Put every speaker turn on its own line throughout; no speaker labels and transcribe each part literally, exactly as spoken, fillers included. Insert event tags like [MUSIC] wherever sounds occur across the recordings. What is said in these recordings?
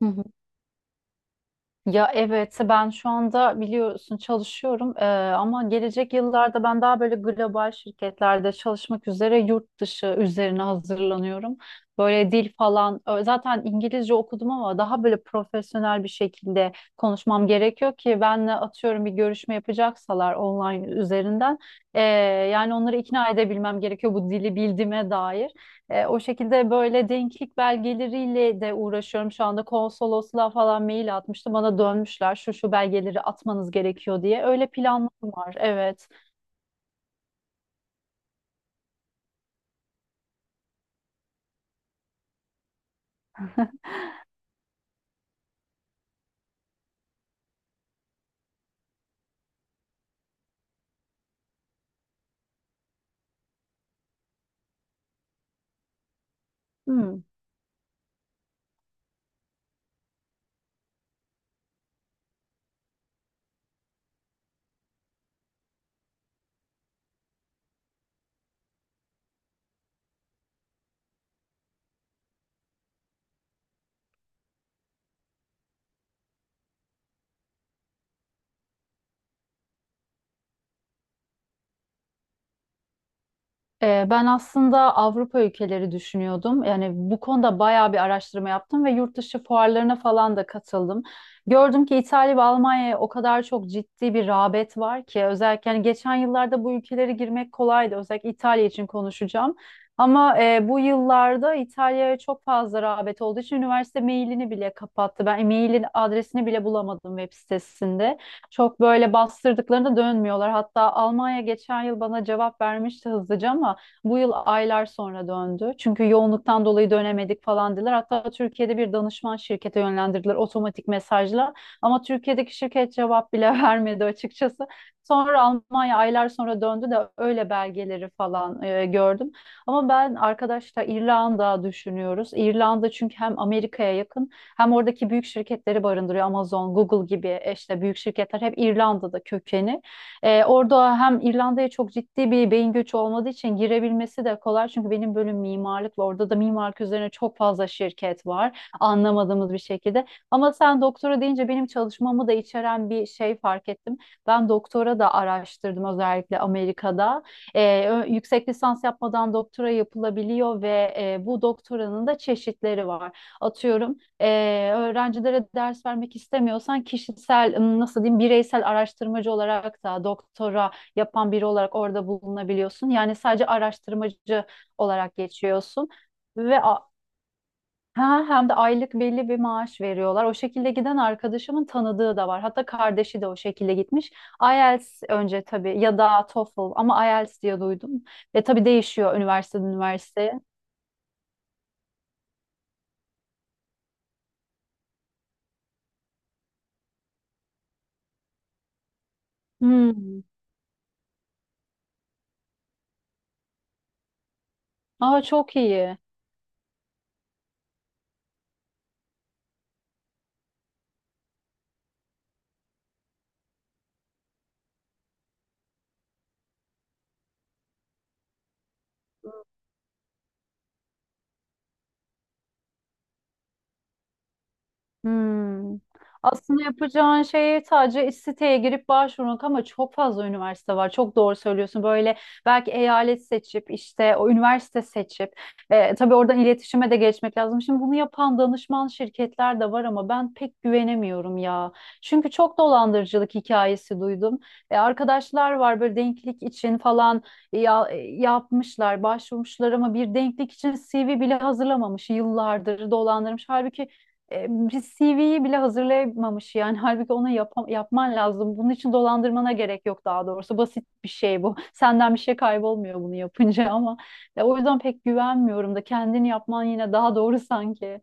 Hı hı. Ya evet ben şu anda biliyorsun çalışıyorum Ee, ama gelecek yıllarda ben daha böyle global şirketlerde çalışmak üzere yurt dışı üzerine hazırlanıyorum. Böyle dil falan ö- zaten İngilizce okudum ama daha böyle profesyonel bir şekilde konuşmam gerekiyor ki benle atıyorum bir görüşme yapacaksalar online üzerinden ee, yani onları ikna edebilmem gerekiyor bu dili bildiğime dair. E, o şekilde böyle denklik belgeleriyle de uğraşıyorum şu anda. Konsolosluğa falan mail atmıştım. Bana dönmüşler şu şu belgeleri atmanız gerekiyor diye. Öyle planlarım var. Evet. Hmm. Ee, Ben aslında Avrupa ülkeleri düşünüyordum. Yani bu konuda bayağı bir araştırma yaptım ve yurt dışı fuarlarına falan da katıldım. Gördüm ki İtalya ve Almanya'ya o kadar çok ciddi bir rağbet var ki, özellikle yani geçen yıllarda bu ülkelere girmek kolaydı. Özellikle İtalya için konuşacağım. Ama e, bu yıllarda İtalya'ya çok fazla rağbet olduğu için üniversite mailini bile kapattı. Ben mailin adresini bile bulamadım web sitesinde. Çok böyle bastırdıklarında dönmüyorlar. Hatta Almanya geçen yıl bana cevap vermişti hızlıca ama bu yıl aylar sonra döndü. Çünkü yoğunluktan dolayı dönemedik falan dediler. Hatta Türkiye'de bir danışman şirkete yönlendirdiler otomatik mesajla. Ama Türkiye'deki şirket cevap bile [LAUGHS] vermedi açıkçası. Sonra Almanya aylar sonra döndü de öyle belgeleri falan e, gördüm. Ama ben arkadaşlar İrlanda düşünüyoruz. İrlanda çünkü hem Amerika'ya yakın hem oradaki büyük şirketleri barındırıyor. Amazon, Google gibi e, işte büyük şirketler hep İrlanda'da kökeni. Ee, orada hem İrlanda'ya çok ciddi bir beyin göçü olmadığı için girebilmesi de kolay. Çünkü benim bölüm mimarlık ve orada da mimarlık üzerine çok fazla şirket var. Anlamadığımız bir şekilde. Ama sen doktora deyince benim çalışmamı da içeren bir şey fark ettim. Ben doktora da araştırdım özellikle Amerika'da. Ee, ö- yüksek lisans yapmadan doktora yapılabiliyor ve e, bu doktoranın da çeşitleri var. Atıyorum ee, öğrencilere ders vermek istemiyorsan kişisel, ım, nasıl diyeyim, bireysel araştırmacı olarak da doktora yapan biri olarak orada bulunabiliyorsun. Yani sadece araştırmacı olarak geçiyorsun ve a- ha, hem de aylık belli bir maaş veriyorlar. O şekilde giden arkadaşımın tanıdığı da var. Hatta kardeşi de o şekilde gitmiş. IELTS önce tabii ya da TOEFL ama IELTS diye duydum. Ve tabii değişiyor üniversiteden üniversiteye. Hmm. Aa, çok iyi. Hmm. Aslında yapacağın şey sadece iş siteye girip başvurmak ama çok fazla üniversite var. Çok doğru söylüyorsun. Böyle belki eyalet seçip işte o üniversite seçip e, tabii oradan iletişime de geçmek lazım. Şimdi bunu yapan danışman şirketler de var ama ben pek güvenemiyorum ya. Çünkü çok dolandırıcılık hikayesi duydum. E, arkadaşlar var böyle denklik için falan ya, e, yapmışlar, başvurmuşlar ama bir denklik için C V bile hazırlamamış. Yıllardır dolandırmış. Halbuki e, bir C V'yi bile hazırlayamamış yani, halbuki ona yapam- yapman lazım. Bunun için dolandırmana gerek yok daha doğrusu. Basit bir şey bu. Senden bir şey kaybolmuyor bunu yapınca ama ya, o yüzden pek güvenmiyorum da, kendini yapman yine daha doğru sanki.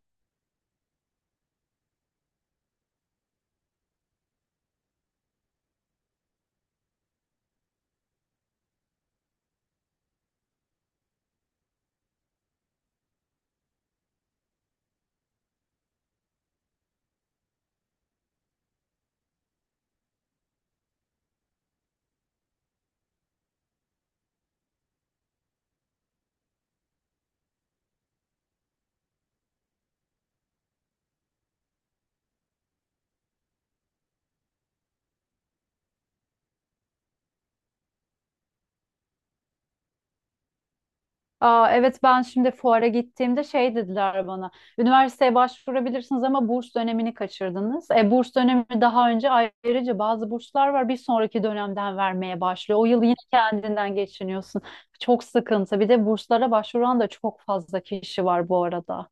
Aa, evet ben şimdi fuara gittiğimde şey dediler bana. Üniversiteye başvurabilirsiniz ama burs dönemini kaçırdınız. E, burs dönemi daha önce, ayrıca bazı burslar var bir sonraki dönemden vermeye başlıyor. O yıl yine kendinden geçiniyorsun. Çok sıkıntı. Bir de burslara başvuran da çok fazla kişi var bu arada.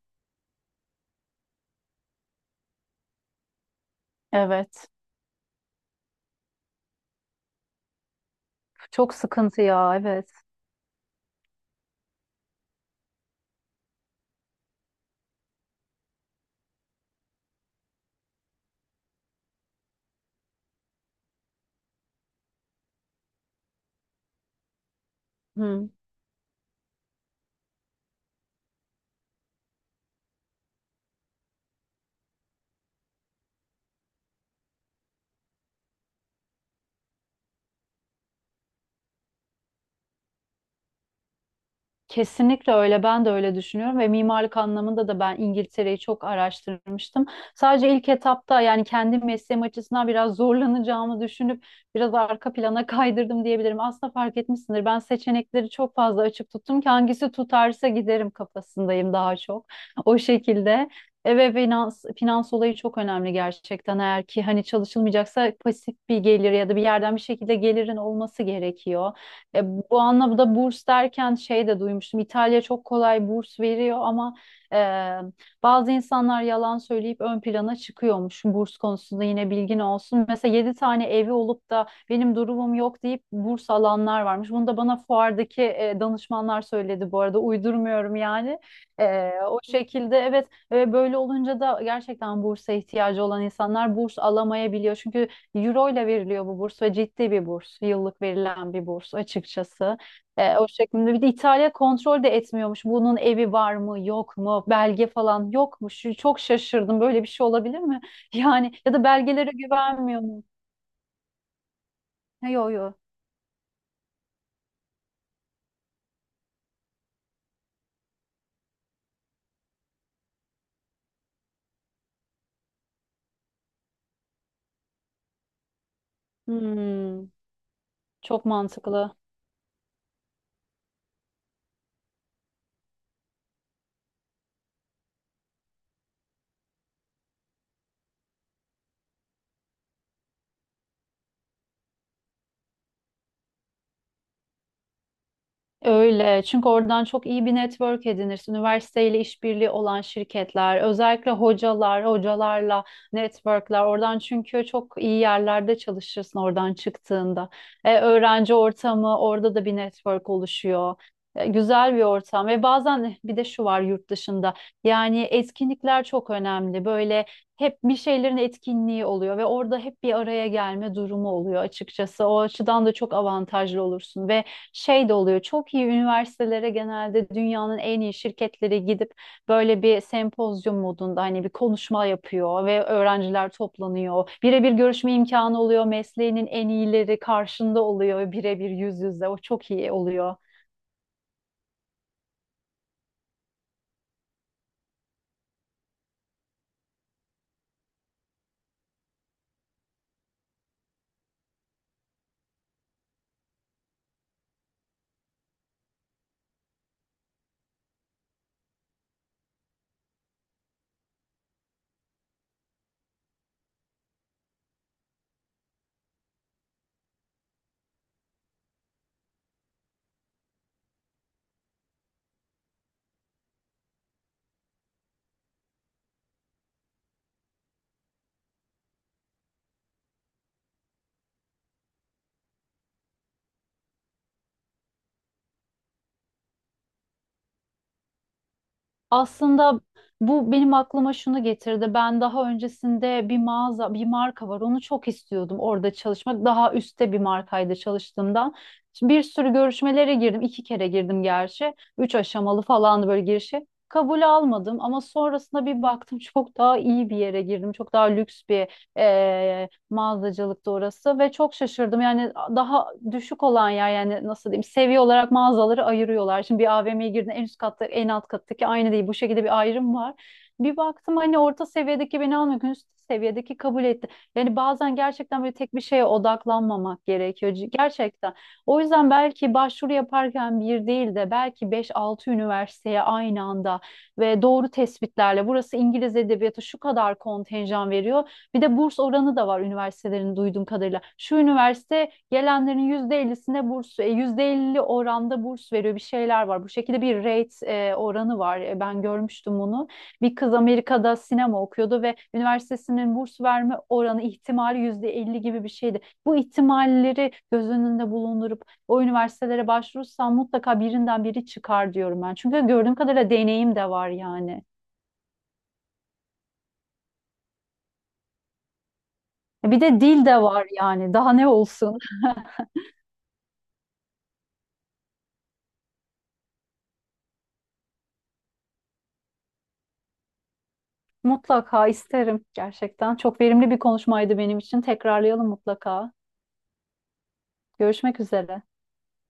Evet. Çok sıkıntı ya, evet. Hı. Kesinlikle öyle. Ben de öyle düşünüyorum ve mimarlık anlamında da ben İngiltere'yi çok araştırmıştım. Sadece ilk etapta yani kendi mesleğim açısından biraz zorlanacağımı düşünüp biraz arka plana kaydırdım diyebilirim. Aslında fark etmişsindir. Ben seçenekleri çok fazla açık tuttum ki hangisi tutarsa giderim kafasındayım daha çok. [LAUGHS] O şekilde. E, Ve finans, finans olayı çok önemli gerçekten. Eğer ki hani çalışılmayacaksa pasif bir gelir ya da bir yerden bir şekilde gelirin olması gerekiyor. E, bu anlamda burs derken şey de duymuştum. İtalya çok kolay burs veriyor ama e, bazı insanlar yalan söyleyip ön plana çıkıyormuş. Burs konusunda yine bilgin olsun. Mesela yedi tane evi olup da benim durumum yok deyip burs alanlar varmış. Bunu da bana fuardaki e, danışmanlar söyledi bu arada. Uydurmuyorum yani. E, o şekilde, evet, e, böyle olunca da gerçekten bursa ihtiyacı olan insanlar burs alamayabiliyor. Çünkü Euro ile veriliyor bu burs ve ciddi bir burs. Yıllık verilen bir burs açıkçası. Ee, o şeklinde. Bir de İtalya kontrol de etmiyormuş. Bunun evi var mı, yok mu, belge falan yok yokmuş. Çok şaşırdım. Böyle bir şey olabilir mi? [LAUGHS] Yani ya da belgelere güvenmiyor mu? Yok, yok. Hmm, çok mantıklı. Öyle. Çünkü oradan çok iyi bir network edinirsin. Üniversiteyle işbirliği olan şirketler, özellikle hocalar, hocalarla networkler. Oradan, çünkü çok iyi yerlerde çalışırsın oradan çıktığında. E, öğrenci ortamı, orada da bir network oluşuyor. E, güzel bir ortam ve bazen bir de şu var yurt dışında. Yani etkinlikler çok önemli. Böyle hep bir şeylerin etkinliği oluyor ve orada hep bir araya gelme durumu oluyor açıkçası. O açıdan da çok avantajlı olursun ve şey de oluyor. Çok iyi üniversitelere genelde dünyanın en iyi şirketleri gidip böyle bir sempozyum modunda hani bir konuşma yapıyor ve öğrenciler toplanıyor. Birebir görüşme imkanı oluyor. Mesleğinin en iyileri karşında oluyor, birebir yüz yüze. O çok iyi oluyor. Aslında bu benim aklıma şunu getirdi. Ben daha öncesinde bir mağaza, bir marka var. Onu çok istiyordum orada çalışmak. Daha üstte bir markaydı çalıştığımdan. Şimdi bir sürü görüşmelere girdim. İki kere girdim gerçi. Üç aşamalı falandı böyle girişi. Kabul almadım ama sonrasında bir baktım [LAUGHS] çok daha iyi bir yere girdim. Çok daha lüks bir mağazacılıktı orası ve çok şaşırdım. Yani daha düşük olan yer, yani nasıl diyeyim, seviye olarak mağazaları ayırıyorlar. Şimdi bir A V M'ye girdiğinde en üst katta en alt kattaki aynı değil. Bu şekilde bir ayrım var. Bir baktım hani orta seviyedeki beni almıyor. Üst seviyedeki kabul etti. Yani bazen gerçekten böyle tek bir şeye odaklanmamak gerekiyor. C- Gerçekten. O yüzden belki başvuru yaparken bir değil de belki beş altı üniversiteye aynı anda ve doğru tespitlerle, burası İngiliz edebiyatı şu kadar kontenjan veriyor. Bir de burs oranı da var üniversitelerin duyduğum kadarıyla. Şu üniversite gelenlerin yüzde elli'sine burs, e, yüzde elli oranda burs veriyor, bir şeyler var. Bu şekilde bir rate, e, oranı var. E, Ben görmüştüm bunu. Bir kız Amerika'da sinema okuyordu ve üniversitesinin burs verme oranı ihtimali yüzde elli gibi bir şeydi. Bu ihtimalleri göz önünde bulundurup o üniversitelere başvurursam mutlaka birinden biri çıkar diyorum ben. Çünkü gördüğüm kadarıyla deneyim de var yani. E, Bir de dil de var yani. Daha ne olsun? Mutlaka isterim gerçekten. Çok verimli bir konuşmaydı benim için. Tekrarlayalım mutlaka. Görüşmek üzere.